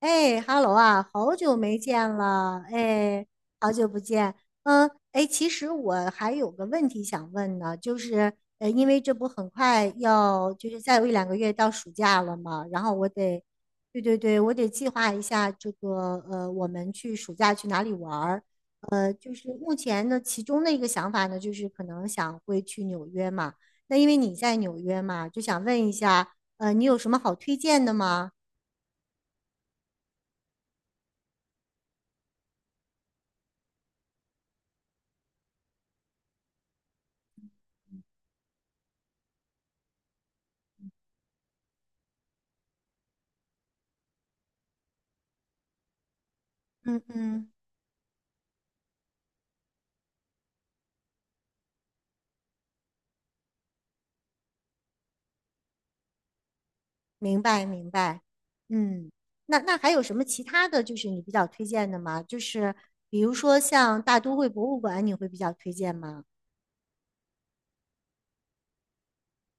哎，Hello 啊，好久没见了，哎，好久不见。其实我还有个问题想问呢，因为这不很快要，就是再有一两个月到暑假了嘛，然后我得，对对对，我得计划一下我们去暑假去哪里玩儿。呃，就是目前呢，其中的一个想法呢，就是可能想会去纽约嘛。那因为你在纽约嘛，就想问一下，呃，你有什么好推荐的吗？嗯嗯。明白，明白。嗯，那还有什么其他的就是你比较推荐的吗？就是比如说像大都会博物馆，你会比较推荐吗？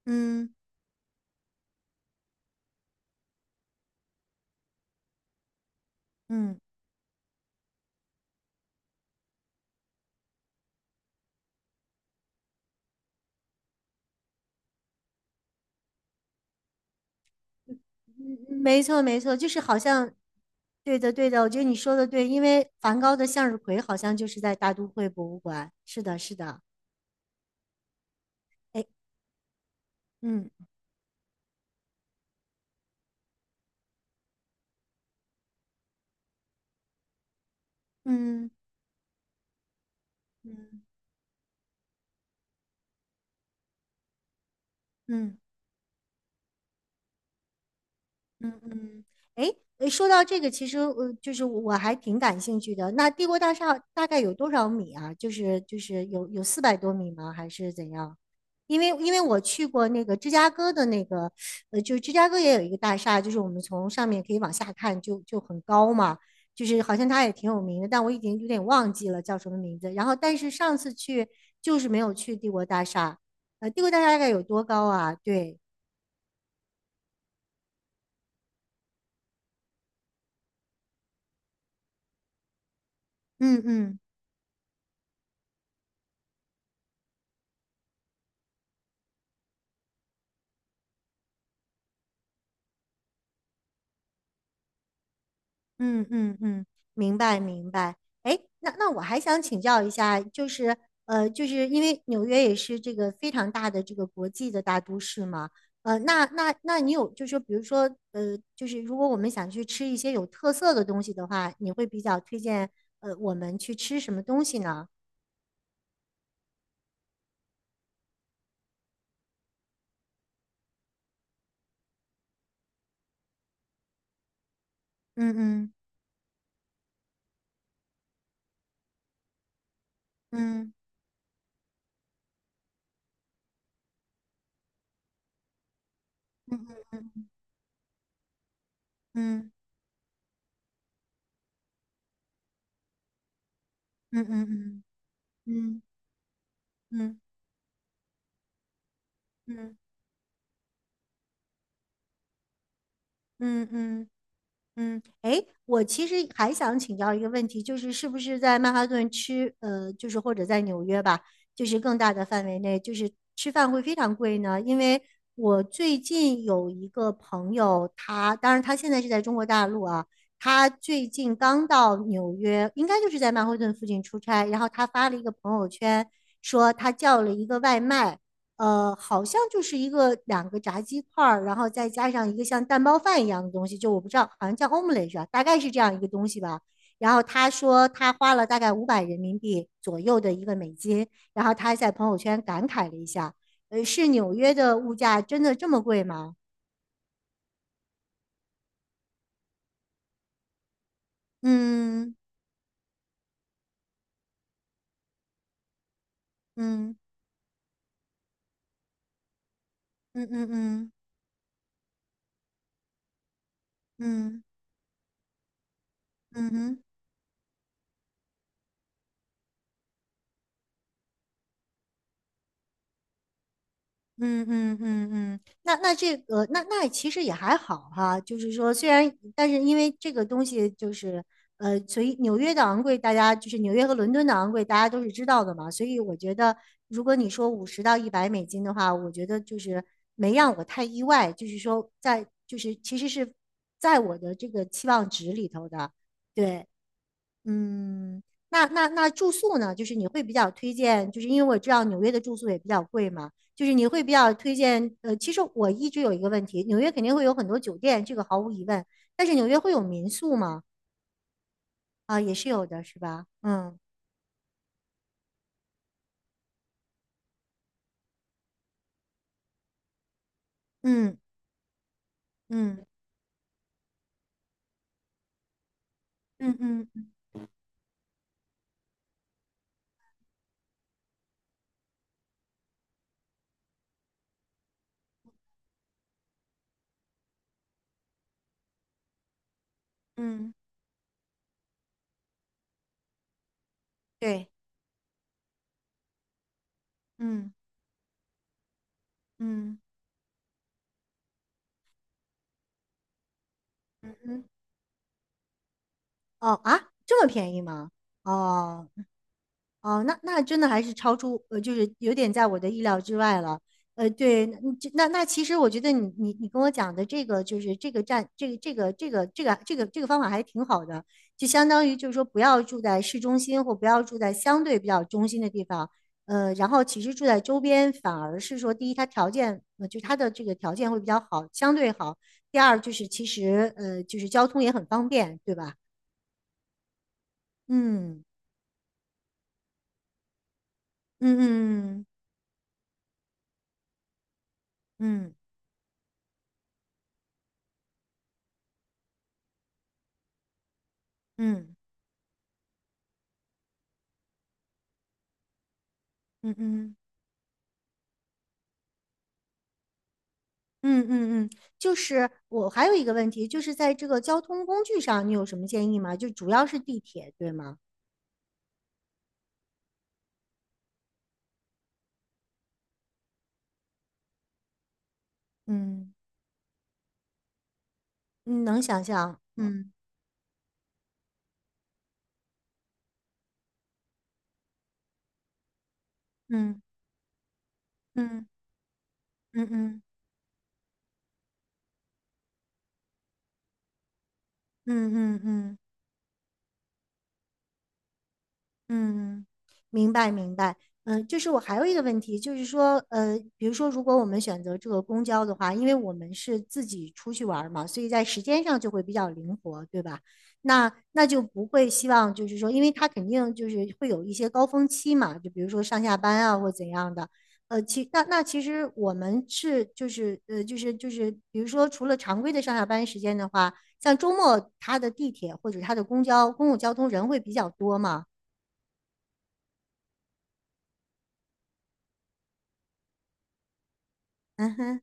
嗯嗯，嗯没错没错，就是好像，对的对的，我觉得你说的对，因为梵高的向日葵好像就是在大都会博物馆。是的，是的。哎，嗯嗯嗯嗯。嗯嗯，哎，诶说到这个，其实呃，就是我还挺感兴趣的。那帝国大厦大概有多少米啊？就是有400多米吗？还是怎样？因为我去过那个芝加哥也有一个大厦，就是我们从上面可以往下看就，就很高嘛。就是好像它也挺有名的，但我已经有点忘记了叫什么名字。但是上次去就是没有去帝国大厦，呃，帝国大厦大概有多高啊？对，嗯嗯嗯嗯嗯，明白明白。哎，那那我还想请教一下，因为纽约也是这个非常大的这个国际的大都市嘛，那你有就是比如说呃，就是如果我们想去吃一些有特色的东西的话，你会比较推荐呃我们去吃什么东西呢？嗯嗯嗯嗯嗯嗯嗯嗯嗯嗯嗯嗯嗯。嗯，哎，我其实还想请教一个问题，是不是在曼哈顿吃，呃，就是或者在纽约吧，就是更大的范围内，就是吃饭会非常贵呢？因为我最近有一个朋友，他当然他现在是在中国大陆啊，他最近刚到纽约，应该就是在曼哈顿附近出差，然后他发了一个朋友圈，说他叫了一个外卖。呃，好像就是一个两个炸鸡块儿，然后再加上一个像蛋包饭一样的东西，就我不知道，好像叫 omelette 啊大概是这样一个东西吧。然后他说他花了大概500人民币左右的一个美金，然后他在朋友圈感慨了一下，呃，是纽约的物价真的这么贵吗？嗯嗯嗯嗯嗯嗯嗯嗯嗯。嗯嗯嗯嗯嗯嗯，那那这个那那其实也还好哈，就是说虽然但是因为这个东西就是呃，所以纽约的昂贵，大家就是纽约和伦敦的昂贵，大家都是知道的嘛，所以我觉得如果你说50到100美金的话，我觉得就是没让我太意外，就是说在就是其实是在我的这个期望值里头的，对，嗯，那住宿呢？就是你会比较推荐，就是因为我知道纽约的住宿也比较贵嘛，就是你会比较推荐。呃，其实我一直有一个问题，纽约肯定会有很多酒店，这个毫无疑问，但是纽约会有民宿吗？啊，也是有的，是吧？嗯嗯嗯嗯嗯嗯，对，嗯嗯嗯，嗯哦啊，这么便宜吗？哦。哦，那那真的还是超出呃，就是有点在我的意料之外了。呃，对，那其实我觉得你跟我讲的这个就是这个站这个这个这个这个这个这个方法还挺好的，就相当于就是说不要住在市中心或不要住在相对比较中心的地方，呃，然后其实住在周边反而是说第一它的这个条件会比较好，相对好，第二就是其实呃就是交通也很方便，对吧？嗯嗯嗯嗯嗯嗯嗯嗯。嗯嗯嗯嗯嗯，就是我还有一个问题，就是在这个交通工具上，你有什么建议吗？就主要是地铁，对吗？嗯，你能想象？嗯嗯嗯嗯嗯嗯嗯嗯嗯。嗯，明白明白。嗯，就是我还有一个问题，就是说，呃，比如说，如果我们选择这个公交的话，因为我们是自己出去玩儿嘛，所以在时间上就会比较灵活，对吧？那那就不会希望就是说，因为它肯定就是会有一些高峰期嘛，就比如说上下班啊或怎样的。那其实我们是比如说除了常规的上下班时间的话，像周末它的地铁或者它的公共交通人会比较多嘛？嗯哼，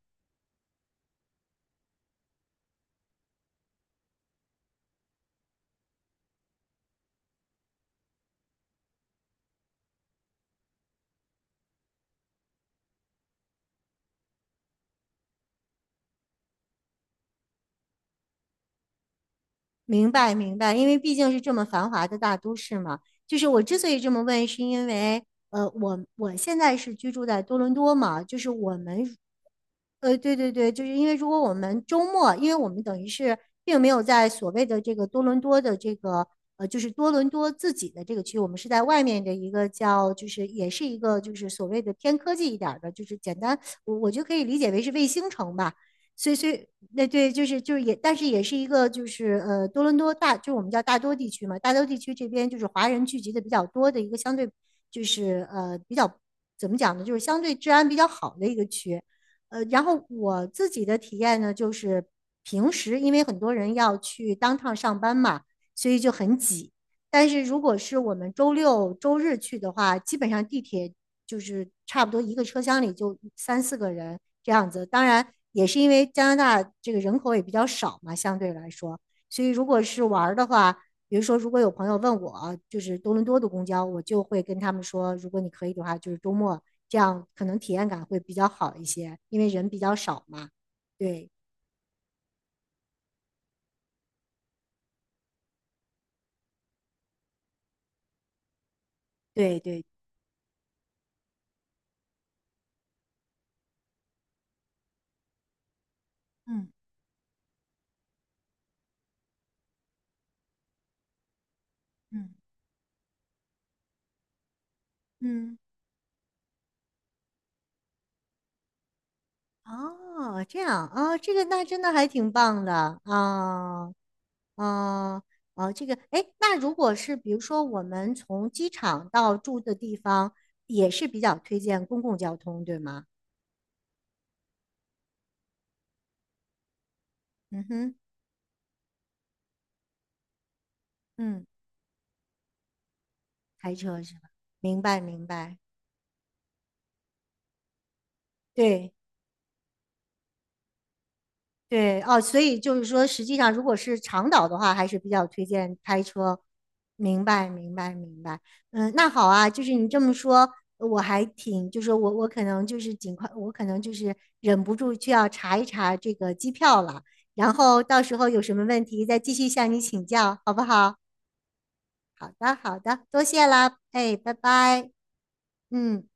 明白明白，因为毕竟是这么繁华的大都市嘛。就是我之所以这么问，是因为呃，我我现在是居住在多伦多嘛，就是我们，呃，对对对，就是因为如果我们周末，因为我们等于是并没有在所谓的这个多伦多自己的这个区，我们是在外面的一个叫，就是也是一个就是所谓的偏科技一点儿的，就是简单，我就可以理解为是卫星城吧。所以，所以，那对，就是就是也，但是也是一个就是呃，多伦多大，就是我们叫大多地区嘛，大多地区这边就是华人聚集的比较多的一个相对就是呃比较怎么讲呢，就是相对治安比较好的一个区。呃，然后我自己的体验呢，就是平时因为很多人要去当趟上班嘛，所以就很挤。但是如果是我们周六周日去的话，基本上地铁就是差不多一个车厢里就三四个人这样子。当然，也是因为加拿大这个人口也比较少嘛，相对来说，所以如果是玩的话，比如说如果有朋友问我，就是多伦多的公交，我就会跟他们说，如果你可以的话，就是周末这样，可能体验感会比较好一些，因为人比较少嘛。对对对，嗯嗯嗯，哦，这样啊，哦这个那真的还挺棒的啊。哦，哦，这个，哎，那如果是比如说我们从机场到住的地方，也是比较推荐公共交通，对吗？嗯哼，嗯，开车是吧？明白，明白，对。对哦，所以就是说，实际上如果是长岛的话，还是比较推荐开车。明白，明白，明白。嗯，那好啊，就是你这么说，我还挺，就是我可能就是尽快，我可能就是忍不住就要查一查这个机票了。然后到时候有什么问题再继续向你请教，好不好？好的，好的，多谢啦，哎，拜拜，嗯。